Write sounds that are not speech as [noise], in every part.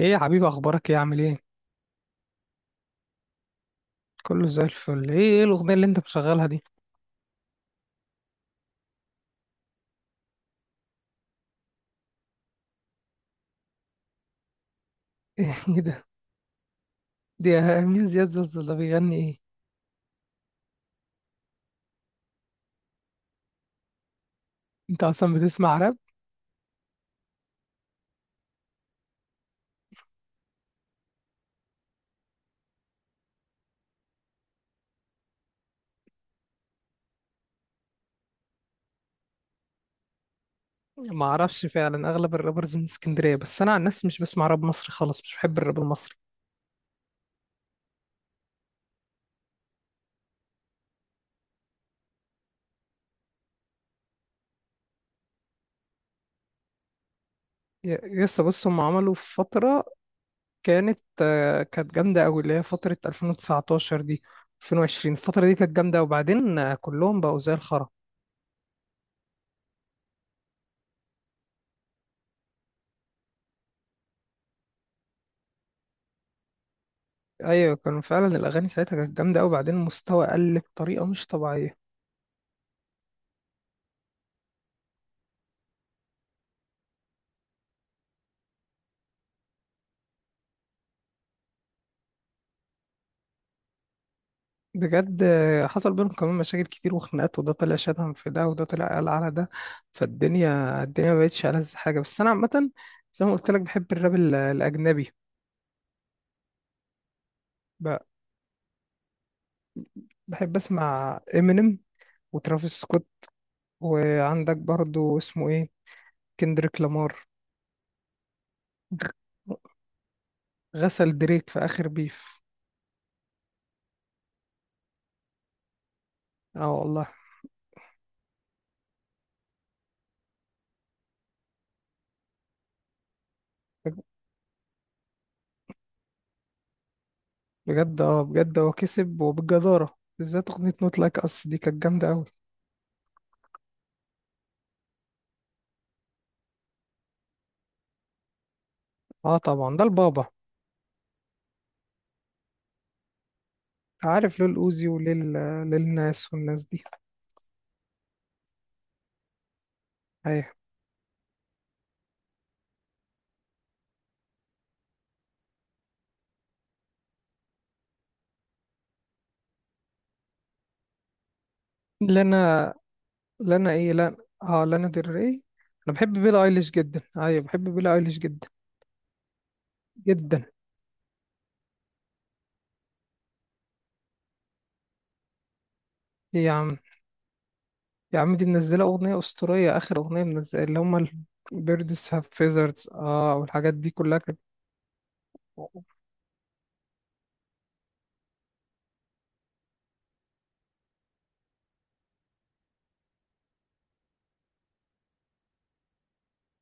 ايه يا حبيبي، اخبارك؟ ايه عامل ايه؟ كله زي الفل. ايه ايه الاغنيه اللي انت مشغلها دي؟ [laughs] ايه ده دي؟ مين زياد زلزال ده؟ بيغني ايه؟ انت اصلا بتسمع راب؟ ما اعرفش فعلا، اغلب الرابرز من اسكندريه، بس انا عن نفسي مش بسمع راب مصري خالص، مش بحب الراب المصري. ي- يسا بص، هم عملوا في فتره كانت، كانت جامده قوي، اللي هي فتره 2019 دي، 2020، الفتره دي كانت جامده، وبعدين كلهم بقوا زي الخرا. ايوه، كانوا فعلا الاغاني ساعتها كانت جامده قوي، وبعدين المستوى قل بطريقه مش طبيعيه. بجد، حصل بينهم كمان مشاكل كتير وخناقات، وده طلع شتم في ده، وده طلع قال على ده. فالدنيا ما بقتش ألذ حاجة. بس أنا عامة، زي ما قلت لك، بحب الراب الأجنبي. ب- بحب أسمع إمينيم وترافيس سكوت. وعندك برضو اسمه إيه، كندريك لامار. غسل دريك في آخر بيف. اه والله. بجد، اه بجد، هو كسب وبالجدارة، بالذات أغنية نوت لايك أس دي كانت جامدة أوي. اه طبعا ده البابا. عارف ليه الأوزي وليه للناس والناس دي. ايوه. لانا. لانا ايه؟ لانا. اه، لانا ديل ري. انا بحب بيلا ايليش جدا. ايوه، بحب بيلا ايليش جدا. جدا. ايه يا عم، يا عم، دي منزله اغنيه اسطوريه. اخر اغنيه منزله اللي هم البيردز هاف فيزرز، اه والحاجات دي كلها كانت.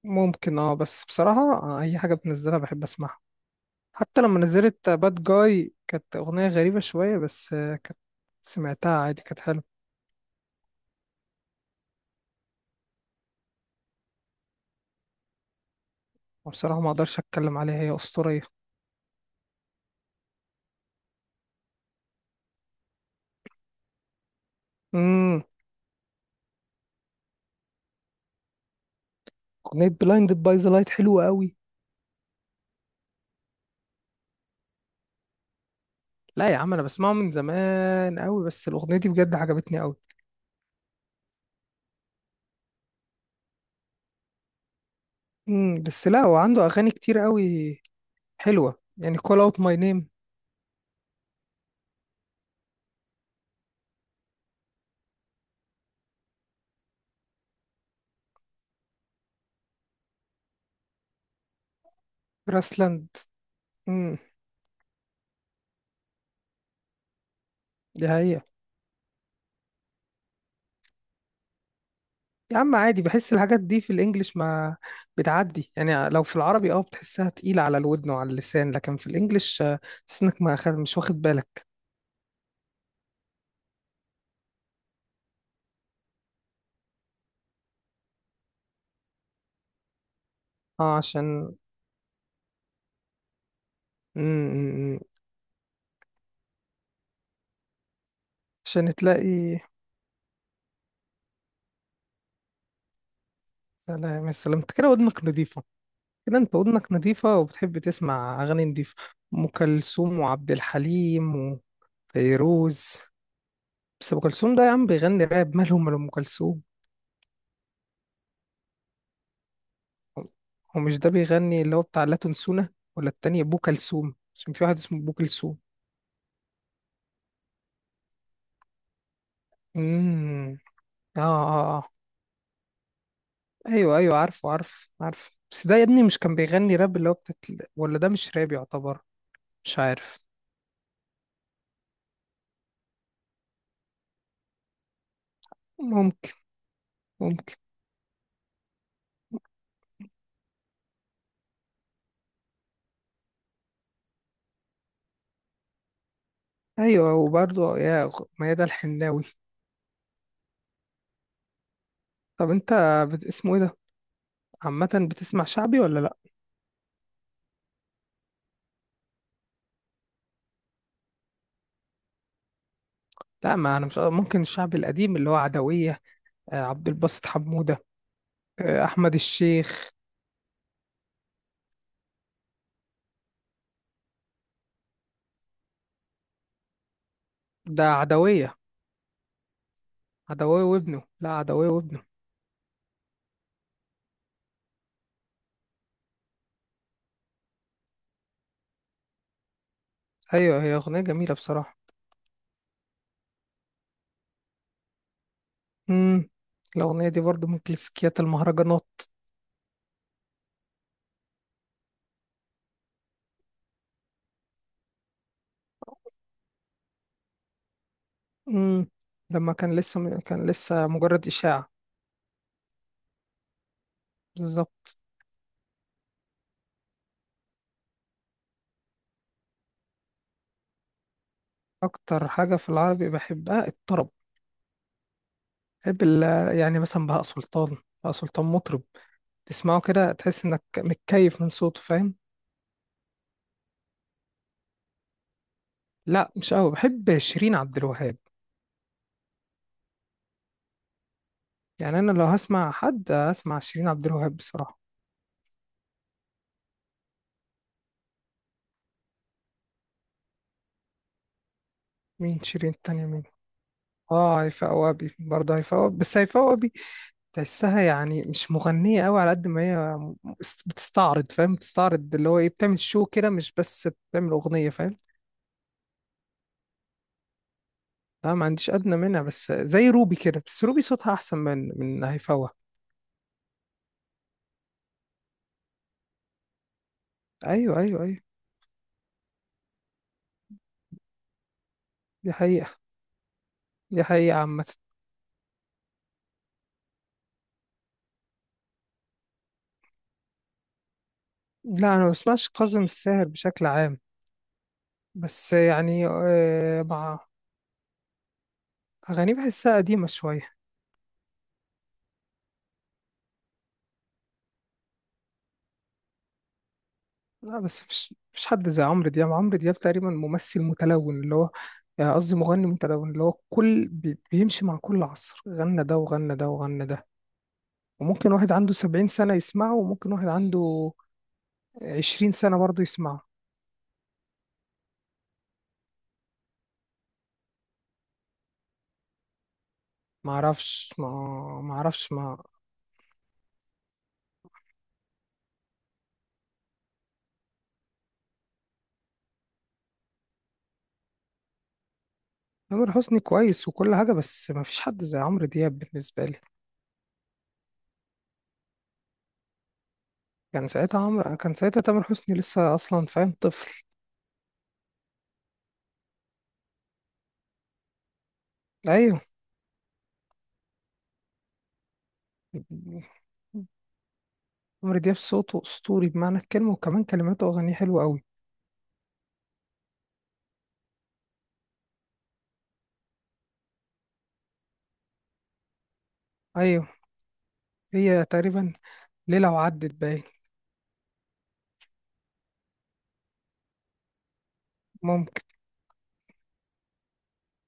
ممكن، اه، بس بصراحه، اي حاجه بتنزلها بحب اسمعها. حتى لما نزلت باد جاي كانت اغنيه غريبه شويه، بس كانت، سمعتها عادي، كانت حلوه. وبصراحه ما اقدرش اتكلم عليها، هي اسطوريه. امم. اغنيه بلايند باي ذا لايت حلوه قوي. لا يا عم انا بسمعه من زمان قوي، بس الاغنيه دي بجد عجبتني قوي. امم. بس لا، هو عنده اغاني كتير قوي. حلوه يعني call out my name. grassland. امم. دي هي. يا عم عادي، بحس الحاجات دي في الانجليش ما بتعدي. يعني لو في العربي اه بتحسها تقيله على الودن وعلى اللسان، لكن في الانجليش تحس انك ما خد... مش واخد بالك. اه عشان. امم. عشان تلاقي. سلام، يا سلام، إنت كده ودنك نضيفه. كده انت ودنك نظيفة وبتحب تسمع أغاني نظيفة. أم كلثوم وعبد الحليم وفيروز. بس أم كلثوم ده يا عم بيغني راب؟ مالهم من أم كلثوم؟ هو مش ده بيغني اللي هو بتاع لا تنسونا؟ ولا التاني أبو كلثوم عشان في واحد اسمه أبو كلثوم. امم. آه. أيوه أيوه، عارفه، عارف عارف، بس ده يا ابني مش كان بيغني راب، اللي هو بتاعت. ولا ده مش راب يعتبر. مش عارف. ممكن. ممكن. أيوه، وبرضه ميادة الحناوي. طب انت اسمه ايه ده، عامة بتسمع شعبي ولا لا؟ لا، ما انا مش ممكن. الشعبي القديم اللي هو عدوية، عبد الباسط حمودة، احمد الشيخ. ده عدوية. عدوية وابنه، لا عدوية وابنه. ايوه، هي اغنية جميلة بصراحة. امم. الاغنية دي برضو من كلاسيكيات المهرجانات. امم. لما كان لسه، كان لسه مجرد إشاعة. بالظبط. اكتر حاجة في العربي بحبها الطرب. بحب ال- يعني مثلا بهاء سلطان. بهاء سلطان مطرب تسمعه كده تحس انك متكيف من صوته، فاهم؟ لا، مش قوي، بحب شيرين عبد الوهاب. يعني انا لو هسمع حد هسمع شيرين عبد الوهاب بصراحه. مين شيرين التانية مين؟ اه، هيفاء وهبي، برضه هيفاء وهبي، بس هيفاء وهبي تحسها يعني مش مغنيه قوي على قد ما هي، بتستعرض، فاهم؟ بتستعرض اللي هو ايه، بتعمل شو كده، مش بس بتعمل اغنيه، فاهم؟ لا ما عنديش ادنى منها، بس زي روبي كده، بس روبي صوتها احسن من هيفاء وهبي. ايوه ايوه ايوه. دي حقيقه. دي حقيقه عامه. لا انا ما بسمعش كاظم الساهر بشكل عام. بس يعني مع، أغانيه بحسها قديمة شوية. لا، بس مفيش حد زي عمرو دياب. عمرو دياب تقريبا ممثل متلون اللي هو، يعني قصدي مغني متلون، اللي هو كل بيمشي مع كل عصر، غنى ده وغنى ده وغنى ده. وممكن واحد عنده 70 سنة يسمعه، وممكن واحد عنده 20 سنة برضه يسمعه. معرفش ما. معرفش ما. تامر حسني كويس وكل حاجة، بس مفيش حد زي عمرو دياب بالنسبة لي. كان ساعتها عمرو، كان ساعتها تامر حسني لسه أصلا فاهم طفل. أيوه. عمرو دياب صوته اسطوري بمعنى الكلمه، وكمان كلماته واغانيه حلوه قوي. ايوه. هي تقريبا ليله وعدت باين. ممكن.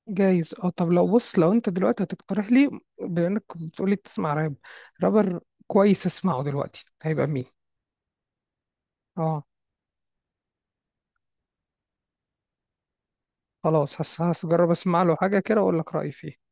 جايز. اه طب لو، بص لو انت دلوقتي هتقترح لي، بما انك بتقولي بتسمع راب، رابر كويس اسمعه دلوقتي هيبقى مين؟ اه. خلاص، هجرب اسمع له حاجه كده واقول لك رايي فيه.